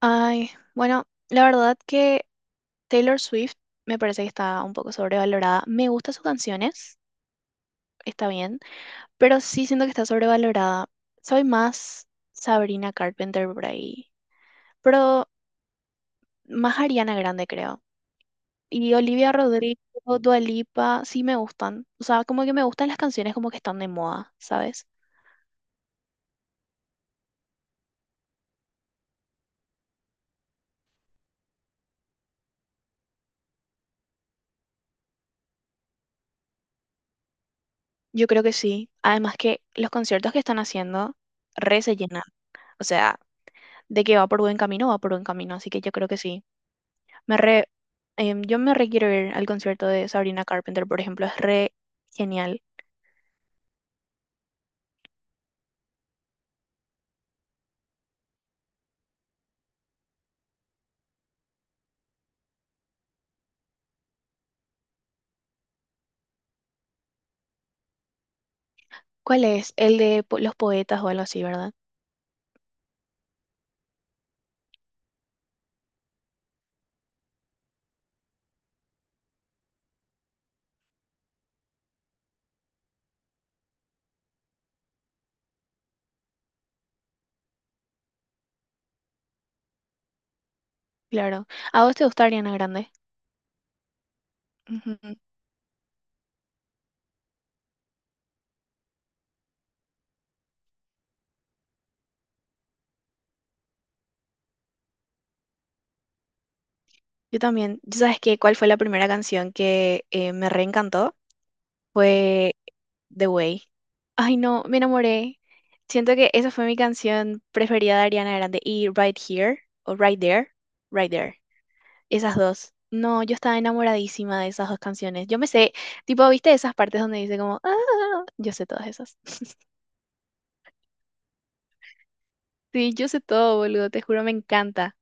Ay, bueno, la verdad que Taylor Swift me parece que está un poco sobrevalorada. Me gustan sus canciones, está bien, pero sí siento que está sobrevalorada. Soy más Sabrina Carpenter por ahí, pero más Ariana Grande creo. Y Olivia Rodrigo, Dua Lipa, sí me gustan. O sea, como que me gustan las canciones como que están de moda, ¿sabes? Yo creo que sí. Además que los conciertos que están haciendo re se llenan. O sea, de que va por buen camino, va por buen camino, así que yo creo que sí. Me re, yo me re quiero ir al concierto de Sabrina Carpenter, por ejemplo, es re genial. ¿Cuál es? El de los poetas o algo así, ¿verdad? Claro. ¿A vos te gusta Ariana Grande? Ujú. Yo también. ¿Y ¿Sabes qué? ¿Cuál fue la primera canción que me reencantó? Fue The Way. Ay, no, me enamoré. Siento que esa fue mi canción preferida de Ariana Grande. Y Right Here, o Right There, Right There. Esas dos. No, yo estaba enamoradísima de esas dos canciones. Yo me sé, tipo, ¿viste esas partes donde dice como, "ah, ah, ah"? ¿Yo sé todas esas? Sí, yo sé todo, boludo, te juro, me encanta.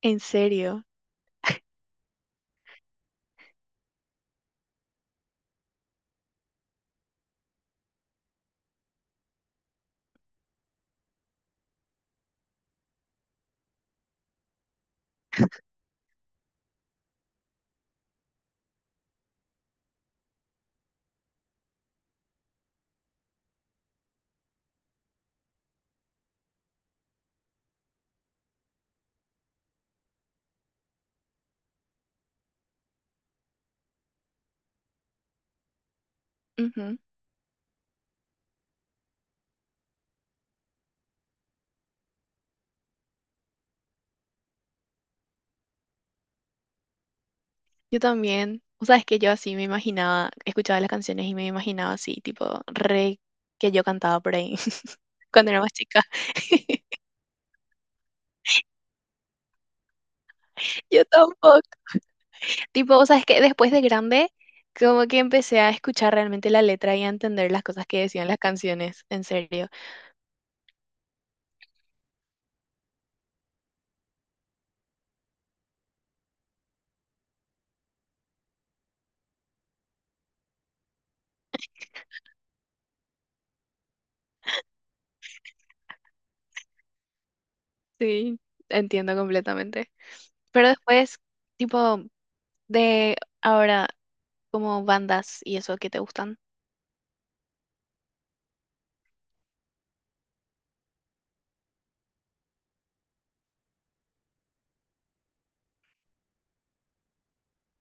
En serio. Ujú. Yo también. O sea, es que yo así me imaginaba, escuchaba las canciones y me imaginaba así, tipo, re que yo cantaba por ahí cuando era más chica. Yo tampoco. Tipo, o sea, es que después de grande, como que empecé a escuchar realmente la letra y a entender las cosas que decían las canciones, en serio. Sí, entiendo completamente. Pero después, tipo, de ahora, como bandas y eso que te gustan.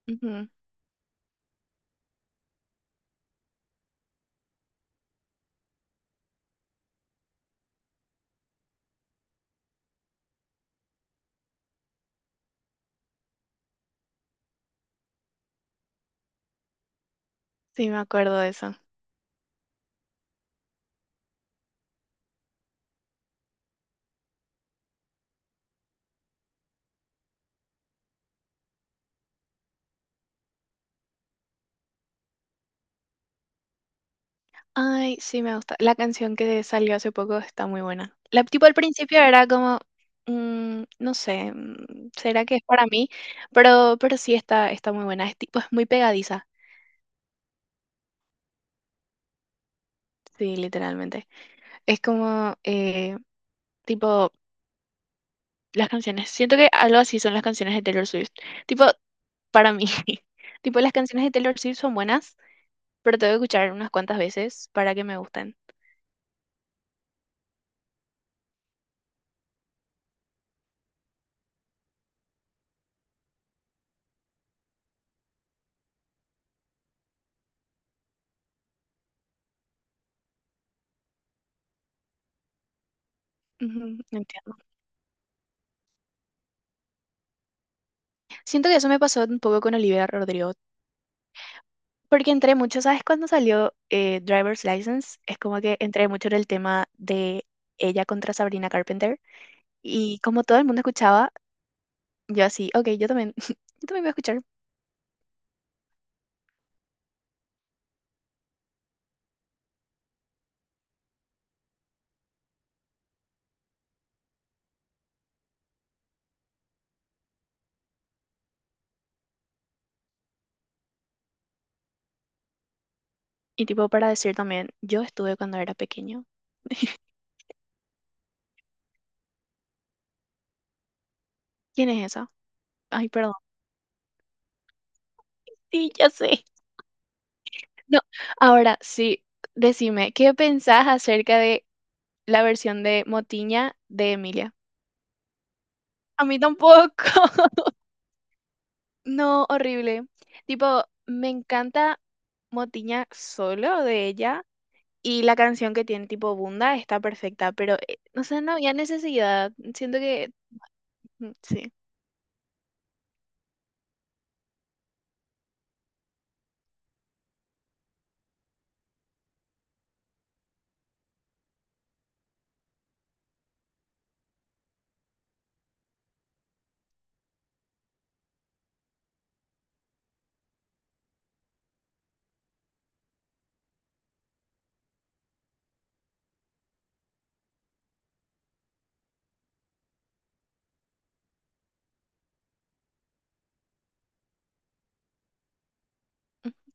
Ujú. Sí, me acuerdo de eso. Ay, sí, me gusta. La canción que salió hace poco está muy buena. La, tipo, al principio era como, mm, no sé, mm, ¿será que es para mí? Pero sí está, está muy buena. Es tipo, es muy pegadiza. Sí, literalmente. Es como, tipo, las canciones. Siento que algo así son las canciones de Taylor Swift. Tipo, para mí. Tipo, las canciones de Taylor Swift son buenas, pero tengo que escuchar unas cuantas veces para que me gusten. Ujú, entiendo. Siento que eso me pasó un poco con Olivia Rodrigo, porque entré mucho, ¿sabes? Cuando salió Driver's License, es como que entré mucho en el tema de ella contra Sabrina Carpenter, y como todo el mundo escuchaba, yo así, ok, yo también, yo también voy a escuchar. Y tipo, para decir también, yo estuve cuando era pequeño. ¿Quién es esa? Ay, perdón. Sí, ya sé. No, ahora sí, decime, ¿qué pensás acerca de la versión de Motiña de Emilia? A mí tampoco. No, horrible. Tipo, me encanta Motiña solo de ella y la canción que tiene tipo Bunda está perfecta, pero no sé, no había necesidad. Siento que mm, sí.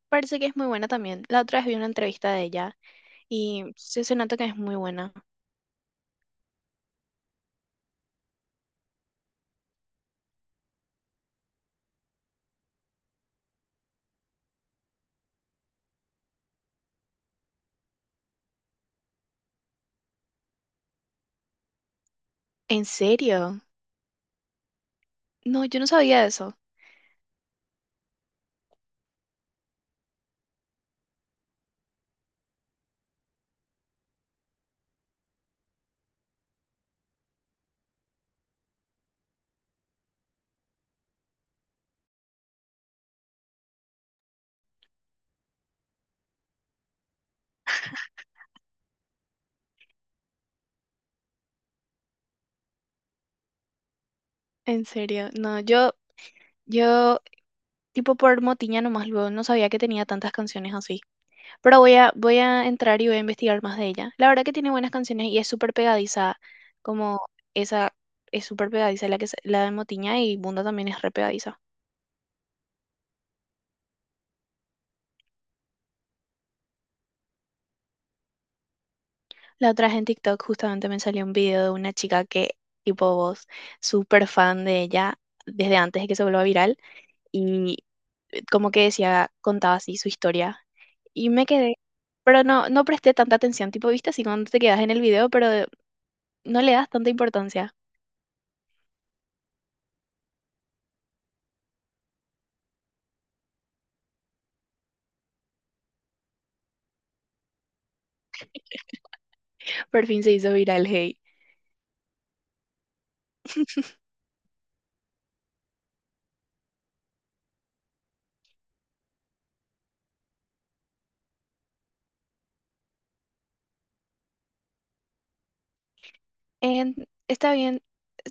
Parece que es muy buena también. La otra vez vi una entrevista de ella y se nota que es muy buena. ¿En serio? No, yo no sabía eso. En serio. No, yo, tipo por Motiña nomás luego no sabía que tenía tantas canciones así. Pero voy a entrar y voy a investigar más de ella. La verdad que tiene buenas canciones y es súper pegadiza, como esa es súper pegadiza la la de Motiña y Bunda también es re pegadiza. La otra vez en TikTok justamente me salió un video de una chica que, tipo vos, súper fan de ella desde antes de que se vuelva viral y como que decía, contaba así su historia y me quedé. Pero no, no presté tanta atención, tipo, viste así cuando te quedas en el video, pero no le das tanta importancia. Por fin se hizo viral, hey. En- Está bien.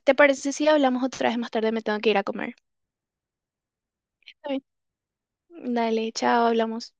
¿Te parece si hablamos otra vez más tarde? Me tengo que ir a comer. Está bien. Dale, chao, hablamos.